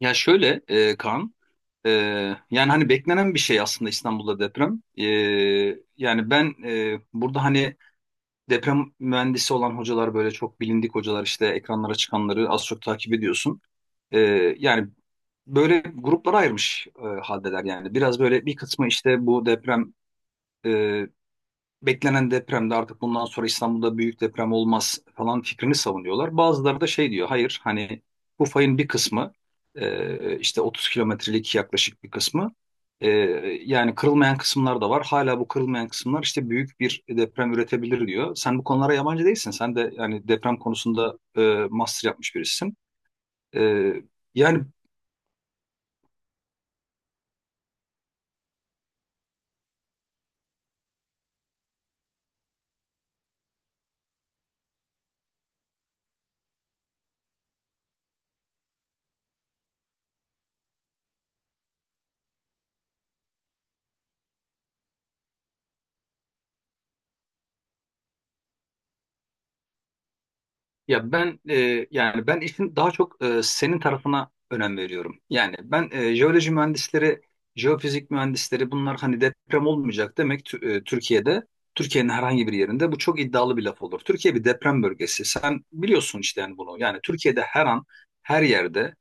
Ya şöyle Kaan, e, yani hani beklenen bir şey aslında İstanbul'da deprem. Yani ben burada hani deprem mühendisi olan hocalar böyle çok bilindik hocalar işte ekranlara çıkanları az çok takip ediyorsun. E, yani böyle gruplara ayırmış haldeler yani. Biraz böyle bir kısmı işte bu deprem e, beklenen depremde artık bundan sonra İstanbul'da büyük deprem olmaz falan fikrini savunuyorlar. Bazıları da şey diyor hayır hani bu fayın bir kısmı işte 30 kilometrelik yaklaşık bir kısmı e, yani kırılmayan kısımlar da var. Hala bu kırılmayan kısımlar işte büyük bir deprem üretebilir diyor. Sen bu konulara yabancı değilsin. Sen de yani deprem konusunda master yapmış birisin. E, yani Ya ben yani ben işin daha çok senin tarafına önem veriyorum. Yani ben jeoloji mühendisleri, jeofizik mühendisleri bunlar hani deprem olmayacak demek Türkiye'de, Türkiye'nin herhangi bir yerinde bu çok iddialı bir laf olur. Türkiye bir deprem bölgesi. Sen biliyorsun işte yani bunu. Yani Türkiye'de her an her yerde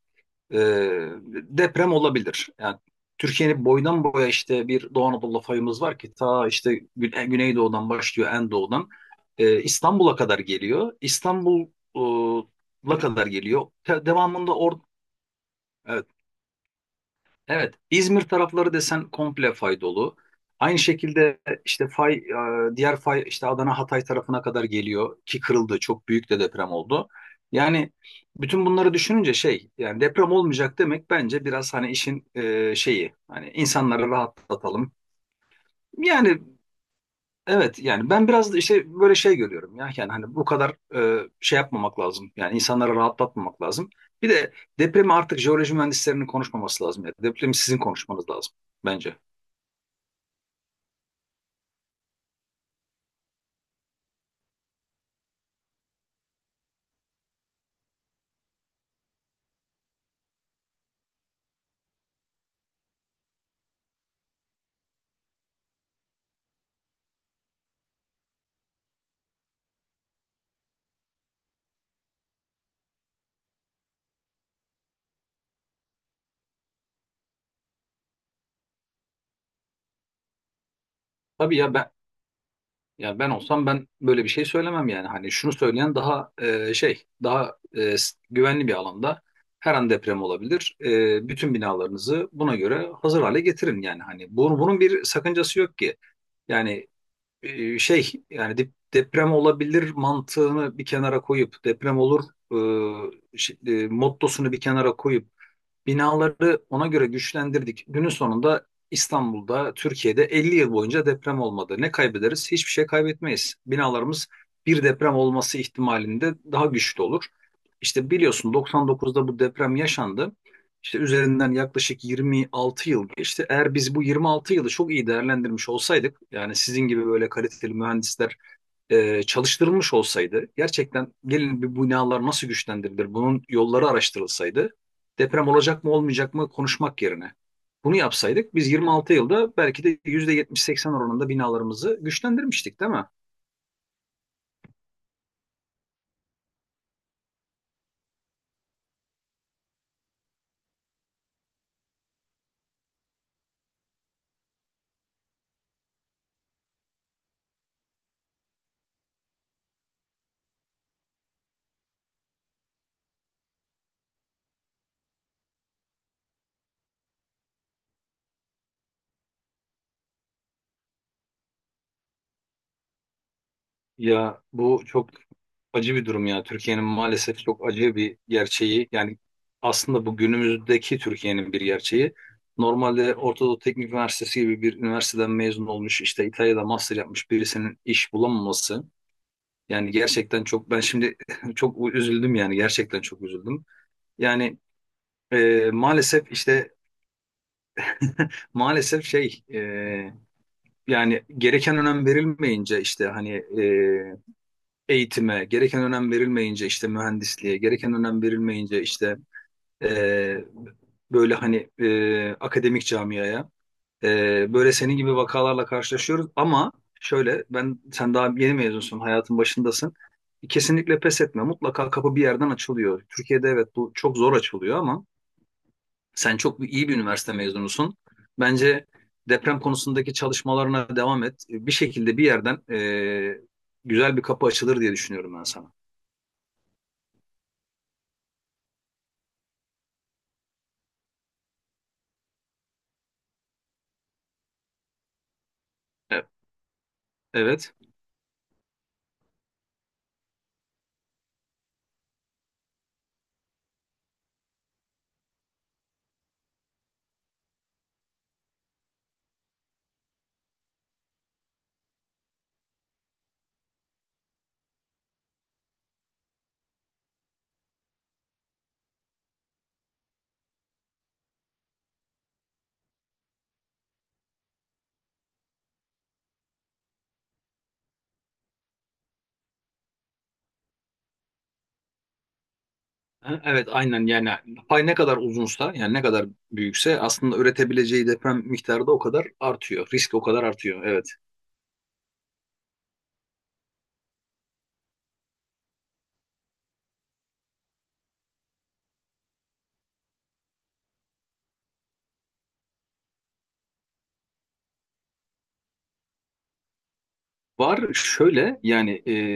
ee, deprem olabilir. Yani Türkiye'nin boydan boya işte bir Doğu Anadolu fayımız var ki ta işte Güneydoğu'dan başlıyor en doğudan İstanbul'a kadar geliyor. İstanbul'a kadar geliyor. Devamında evet, Evet, İzmir tarafları desen komple fay dolu. Aynı şekilde işte fay, diğer fay işte Adana Hatay tarafına kadar geliyor ki kırıldı. Çok büyük de deprem oldu. Yani bütün bunları düşününce şey yani deprem olmayacak demek bence biraz hani işin şeyi hani insanları rahatlatalım. Yani evet yani ben biraz da işte böyle şey görüyorum ya yani hani bu kadar şey yapmamak lazım yani insanları rahatlatmamak lazım. Bir de depremi artık jeoloji mühendislerinin konuşmaması lazım ya depremi sizin konuşmanız lazım bence. Tabii ya ben ya ben olsam ben böyle bir şey söylemem yani hani şunu söyleyen daha şey daha güvenli bir alanda her an deprem olabilir. Bütün binalarınızı buna göre hazır hale getirin yani hani bunun bir sakıncası yok ki. Yani şey yani deprem olabilir mantığını bir kenara koyup deprem olur e, mottosunu bir kenara koyup binaları ona göre güçlendirdik. Günün sonunda İstanbul'da, Türkiye'de 50 yıl boyunca deprem olmadı. Ne kaybederiz? Hiçbir şey kaybetmeyiz. Binalarımız bir deprem olması ihtimalinde daha güçlü olur. İşte biliyorsun 99'da bu deprem yaşandı. İşte üzerinden yaklaşık 26 yıl geçti. Eğer biz bu 26 yılı çok iyi değerlendirmiş olsaydık, yani sizin gibi böyle kaliteli mühendisler çalıştırılmış olsaydı, gerçekten gelin bu binalar nasıl güçlendirilir, bunun yolları araştırılsaydı, deprem olacak mı olmayacak mı konuşmak yerine bunu yapsaydık biz 26 yılda belki de %70-80 oranında binalarımızı güçlendirmiştik değil mi? Ya bu çok acı bir durum ya. Türkiye'nin maalesef çok acı bir gerçeği. Yani aslında bu günümüzdeki Türkiye'nin bir gerçeği. Normalde Orta Doğu Teknik Üniversitesi gibi bir üniversiteden mezun olmuş, işte İtalya'da master yapmış birisinin iş bulamaması. Yani gerçekten çok ben şimdi çok üzüldüm yani gerçekten çok üzüldüm. Yani maalesef işte maalesef şey yani gereken önem verilmeyince işte hani e, eğitime gereken önem verilmeyince işte mühendisliğe gereken önem verilmeyince işte e, böyle hani akademik camiaya, böyle senin gibi vakalarla karşılaşıyoruz ama şöyle ben sen daha yeni mezunsun, hayatın başındasın. Kesinlikle pes etme. Mutlaka kapı bir yerden açılıyor. Türkiye'de evet bu çok zor açılıyor ama sen çok iyi bir üniversite mezunusun. Bence deprem konusundaki çalışmalarına devam et. Bir şekilde bir yerden güzel bir kapı açılır diye düşünüyorum ben sana. Evet. Evet. Ha, Evet, aynen yani pay ne kadar uzunsa yani ne kadar büyükse aslında üretebileceği deprem miktarı da o kadar artıyor. Risk o kadar artıyor, evet. Var şöyle yani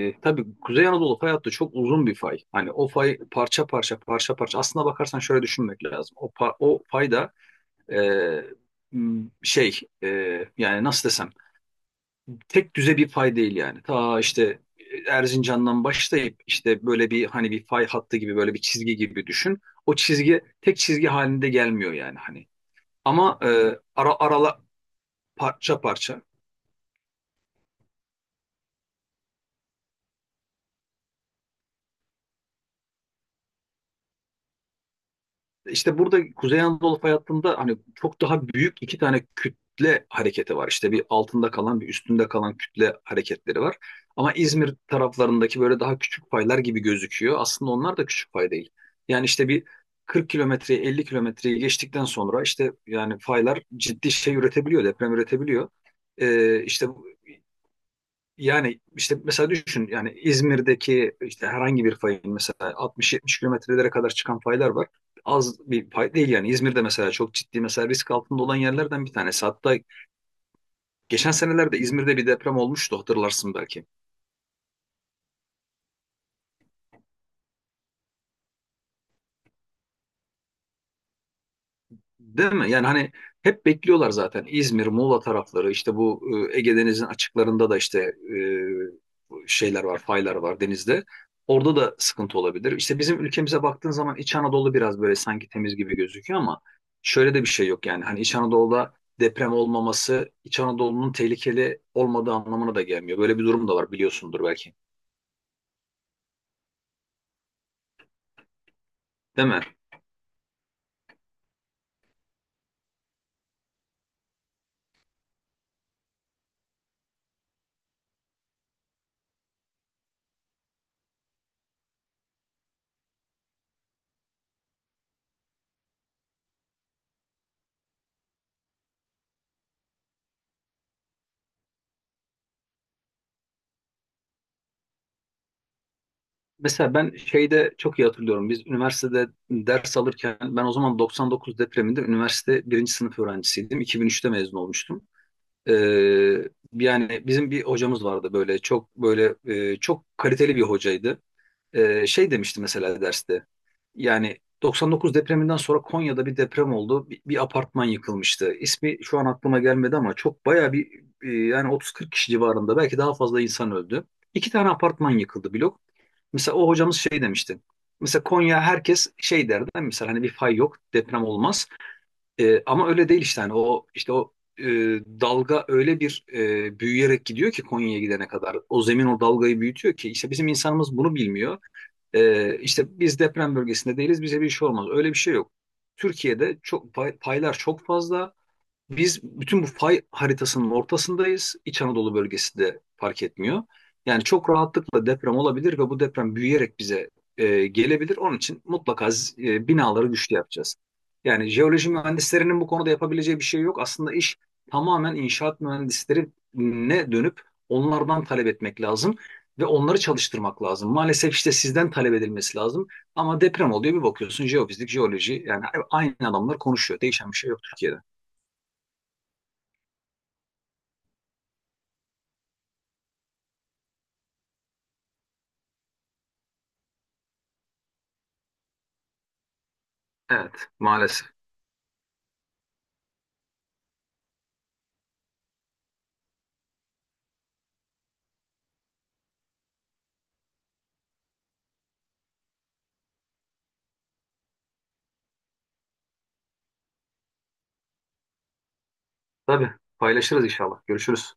tabii Kuzey Anadolu fay hattı çok uzun bir fay. Hani o fay parça parça parça parça aslına bakarsan şöyle düşünmek lazım. O fay da e, m, şey e, yani nasıl desem tek düze bir fay değil yani. Ta işte Erzincan'dan başlayıp işte böyle bir hani bir fay hattı gibi böyle bir çizgi gibi düşün. O çizgi tek çizgi halinde gelmiyor yani hani. Ama ara arala parça parça. İşte burada Kuzey Anadolu fay hattında hani çok daha büyük iki tane kütle hareketi var. İşte bir altında kalan bir üstünde kalan kütle hareketleri var. Ama İzmir taraflarındaki böyle daha küçük faylar gibi gözüküyor. Aslında onlar da küçük fay değil. Yani işte bir 40 kilometreyi 50 kilometreyi geçtikten sonra işte yani faylar ciddi şey üretebiliyor, deprem üretebiliyor. İşte yani işte mesela düşün yani İzmir'deki işte herhangi bir fayın mesela 60-70 kilometrelere kadar çıkan faylar var. Az bir pay değil yani. İzmir'de mesela çok ciddi mesela risk altında olan yerlerden bir tanesi. Hatta geçen senelerde İzmir'de bir deprem olmuştu, hatırlarsın belki. Değil mi? Yani hani hep bekliyorlar zaten. İzmir, Muğla tarafları işte bu Ege Denizi'nin açıklarında da işte şeyler var, faylar var denizde. Orada da sıkıntı olabilir. İşte bizim ülkemize baktığın zaman İç Anadolu biraz böyle sanki temiz gibi gözüküyor ama şöyle de bir şey yok yani. Hani İç Anadolu'da deprem olmaması İç Anadolu'nun tehlikeli olmadığı anlamına da gelmiyor. Böyle bir durum da var, biliyorsundur belki. Değil mi? Mesela ben şeyde çok iyi hatırlıyorum. Biz üniversitede ders alırken ben o zaman 99 depreminde üniversite birinci sınıf öğrencisiydim. 2003'te mezun olmuştum. Ee, yani bizim bir hocamız vardı böyle çok böyle çok kaliteli bir hocaydı. Şey demişti mesela derste. Yani 99 depreminden sonra Konya'da bir deprem oldu. Bir apartman yıkılmıştı. İsmi şu an aklıma gelmedi ama çok bayağı bir yani 30-40 kişi civarında belki daha fazla insan öldü. İki tane apartman yıkıldı, blok. Mesela o hocamız şey demişti. Mesela Konya, herkes şey derdi. Mesela hani bir fay yok, deprem olmaz. Ama öyle değil işte hani o işte o e, dalga öyle bir büyüyerek gidiyor ki Konya'ya gidene kadar. O zemin o dalgayı büyütüyor ki işte bizim insanımız bunu bilmiyor. İşte biz deprem bölgesinde değiliz, bize bir şey olmaz. Öyle bir şey yok. Türkiye'de çok paylar çok fazla. Biz bütün bu fay haritasının ortasındayız. İç Anadolu bölgesi de fark etmiyor. Yani çok rahatlıkla deprem olabilir ve bu deprem büyüyerek bize gelebilir. Onun için mutlaka binaları güçlü yapacağız. Yani jeoloji mühendislerinin bu konuda yapabileceği bir şey yok. Aslında iş tamamen inşaat mühendislerine dönüp onlardan talep etmek lazım ve onları çalıştırmak lazım. Maalesef işte sizden talep edilmesi lazım. Ama deprem oluyor bir bakıyorsun jeofizik, jeoloji yani aynı adamlar konuşuyor. Değişen bir şey yok Türkiye'de. Evet, maalesef. Tabii, paylaşırız inşallah. Görüşürüz.